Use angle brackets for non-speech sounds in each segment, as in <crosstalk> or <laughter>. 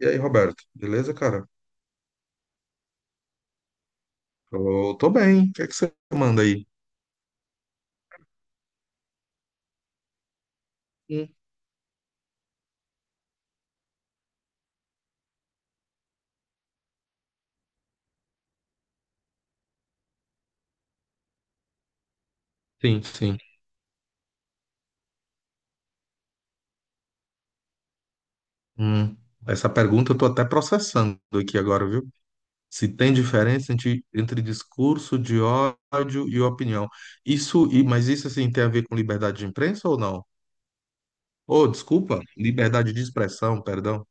E aí, Roberto, beleza, cara? Eu tô bem. O que é que você manda aí? Hum. Sim, sim. Hum. Essa pergunta eu tô até processando aqui agora, viu? Se tem diferença entre discurso de ódio e opinião. Isso, e, mas isso assim tem a ver com liberdade de imprensa ou não? Ou, desculpa, liberdade de expressão, perdão.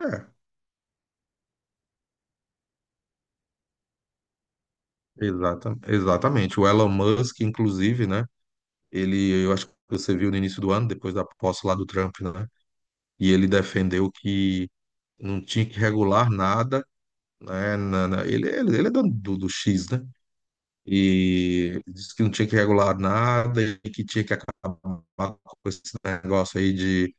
É, exatamente. O Elon Musk, inclusive, né? Eu acho que você viu no início do ano, depois da posse lá do Trump, né? E ele defendeu que não tinha que regular nada, né? Ele é dono do X, né? E ele disse que não tinha que regular nada e que tinha que acabar com esse negócio aí de,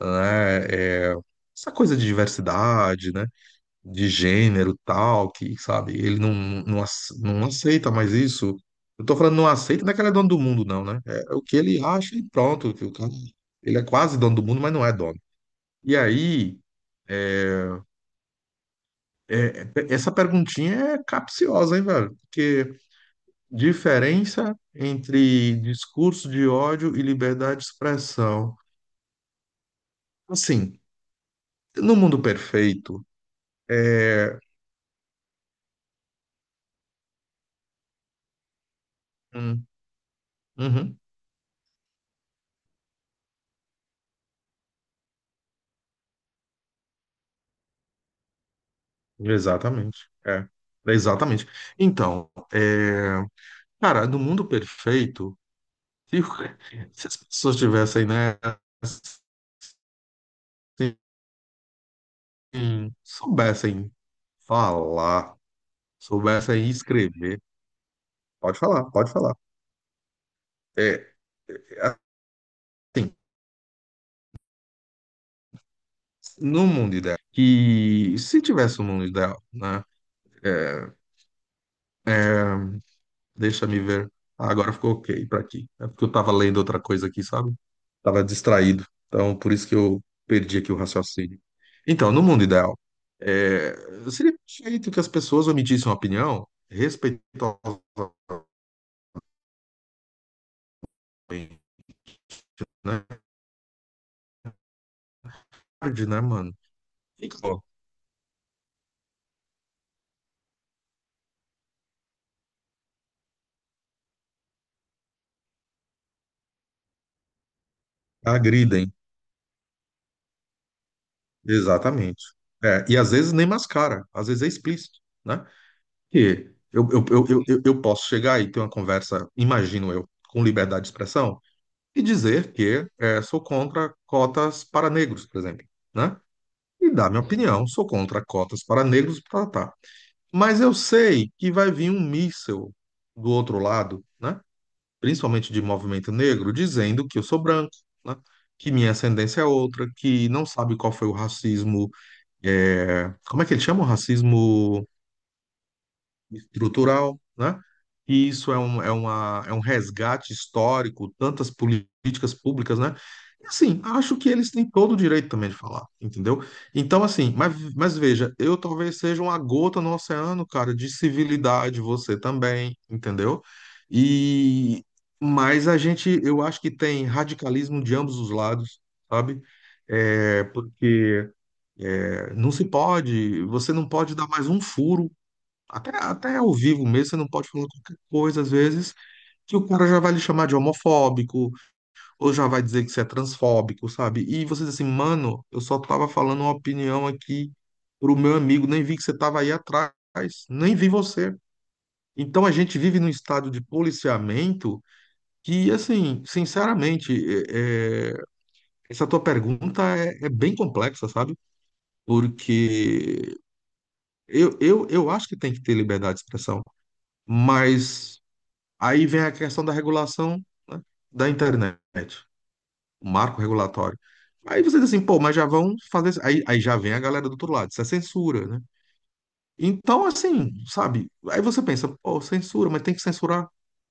né, é, essa coisa de diversidade, né? De gênero e tal, que, sabe, ele não aceita mais isso. Eu tô falando não aceita, não é que ele é dono do mundo, não, né? É o que ele acha e pronto. Ele é quase dono do mundo, mas não é dono. E aí. É, essa perguntinha é capciosa, hein, velho? Porque diferença entre discurso de ódio e liberdade de expressão. Assim, no mundo perfeito, é. Hum, uhum, exatamente. É, exatamente. Então, cara, no mundo perfeito, se, <laughs> se as pessoas tivessem, né, assim, soubessem falar, soubessem escrever, pode falar, pode falar. é, é, assim, no mundo ideal, que se tivesse um mundo ideal, né? é, Deixa-me ver. Ah, agora ficou ok para aqui. É porque eu tava lendo outra coisa aqui, sabe? Tava distraído. Então, por isso que eu perdi aqui o raciocínio. Então, no mundo ideal, é, seria perfeito que as pessoas emitissem uma opinião respeitosamente, né? Tarde, né, mano? E, Agridem, exatamente. É, e às vezes nem mascara, às vezes é explícito, né? E eu posso chegar e ter uma conversa, imagino eu, com liberdade de expressão e dizer que sou contra cotas para negros, por exemplo, né? E dar minha opinião, sou contra cotas para negros, tá, tá. tá. Mas eu sei que vai vir um míssil do outro lado, né? Principalmente de movimento negro, dizendo que eu sou branco, né? Que minha ascendência é outra, que não sabe qual foi o racismo, como é que ele chama o racismo? Estrutural, né? E isso é um resgate histórico, tantas políticas públicas, né? E assim, acho que eles têm todo o direito também de falar, entendeu? Então, assim, mas veja, eu talvez seja uma gota no oceano, cara, de civilidade, você também, entendeu? E mas a gente, eu acho que tem radicalismo de ambos os lados, sabe? É, porque não se pode, você não pode dar mais um furo até ao vivo mesmo, você não pode falar qualquer coisa, às vezes, que o cara já vai lhe chamar de homofóbico, ou já vai dizer que você é transfóbico, sabe? E você diz assim, mano, eu só tava falando uma opinião aqui pro meu amigo, nem vi que você tava aí atrás, nem vi você. Então a gente vive num estado de policiamento que, assim, sinceramente, é- é- essa tua pergunta é bem complexa, sabe? Porque eu acho que tem que ter liberdade de expressão, mas. Aí vem a questão da regulação, né, da internet, o marco regulatório. Aí você diz assim, pô, mas já vão fazer isso. Aí já vem a galera do outro lado, isso é censura, né? Então, assim, sabe? Aí você pensa, pô, censura, mas tem que censurar.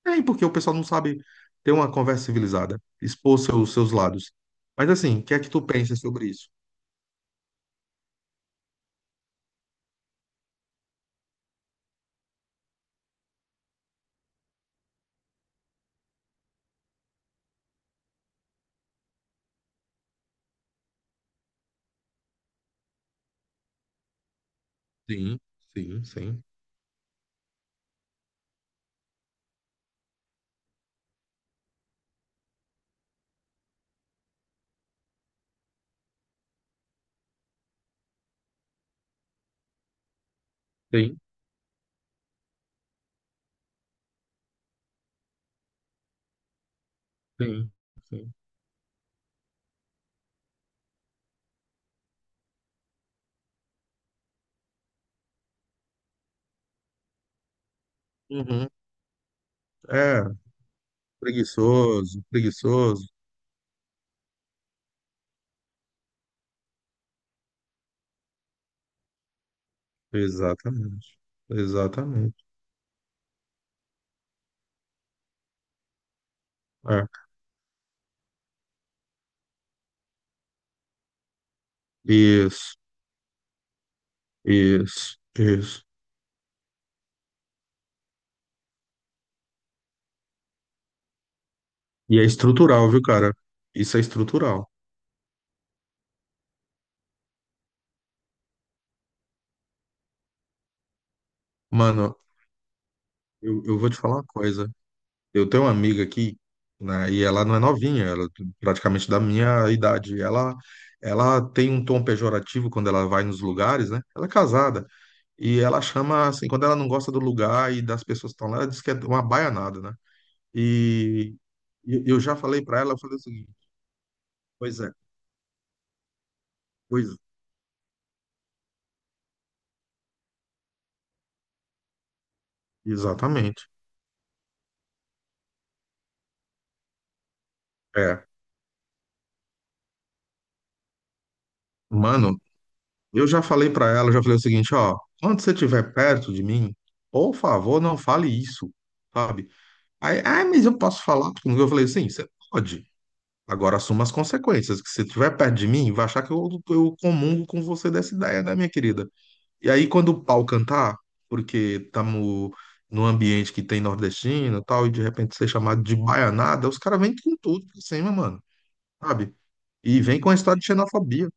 É, porque o pessoal não sabe ter uma conversa civilizada, expor seus lados. Mas assim, o que é que tu pensa sobre isso? Sim, sim, sim. Sim, sim, sim. Uhum. É, preguiçoso, preguiçoso. Exatamente, exatamente. Isso, isso, isso. E é estrutural, viu, cara? Isso é estrutural. Mano, eu vou te falar uma coisa. Eu tenho uma amiga aqui, né, e ela não é novinha, ela é praticamente da minha idade. Ela tem um tom pejorativo quando ela vai nos lugares, né? Ela é casada. E ela chama, assim, quando ela não gosta do lugar e das pessoas que estão lá, ela diz que é uma baianada, né? E e eu já falei pra ela, eu falei o seguinte, pois é, pois, exatamente. É. Mano, eu já falei pra ela, já falei o seguinte, ó, quando você estiver perto de mim, por favor, não fale isso, sabe? Aí, ah, mas eu posso falar? Eu falei, sim, você pode. Agora assuma as consequências, que se estiver perto de mim, vai achar que eu comungo com você dessa ideia, né, minha querida? E aí, quando o pau cantar, porque estamos num ambiente que tem nordestino e tal, e de repente ser chamado de baianada, os caras vêm com tudo pra cima, mano, sabe? E vem com a história de xenofobia.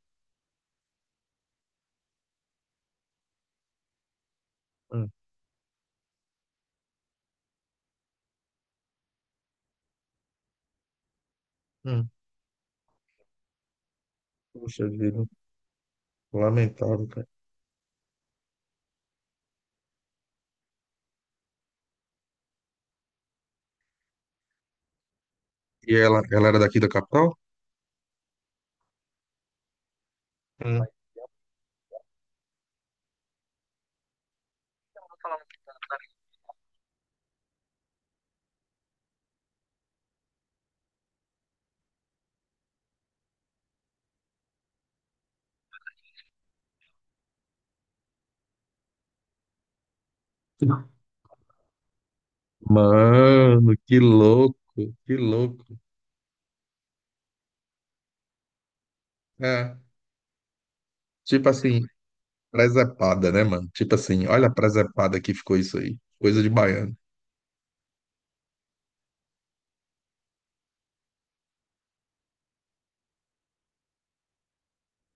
Hum, hum. Puxa vida, lamentável, cara. E ela era daqui da capital? Hum. Mano, que louco, que louco. É, tipo assim, presepada, né, mano? Tipo assim, olha a presepada que ficou isso aí. Coisa de baiano.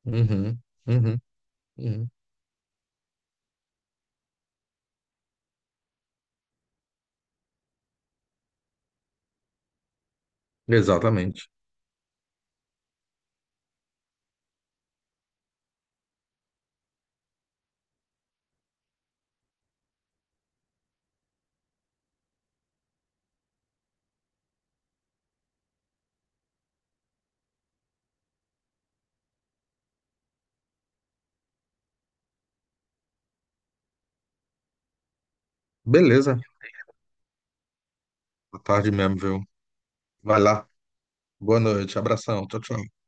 Uhum, uhum, uhum. Exatamente. Beleza. Boa tarde mesmo, viu? Vai lá. Boa noite. Abração. Tchau, tchau.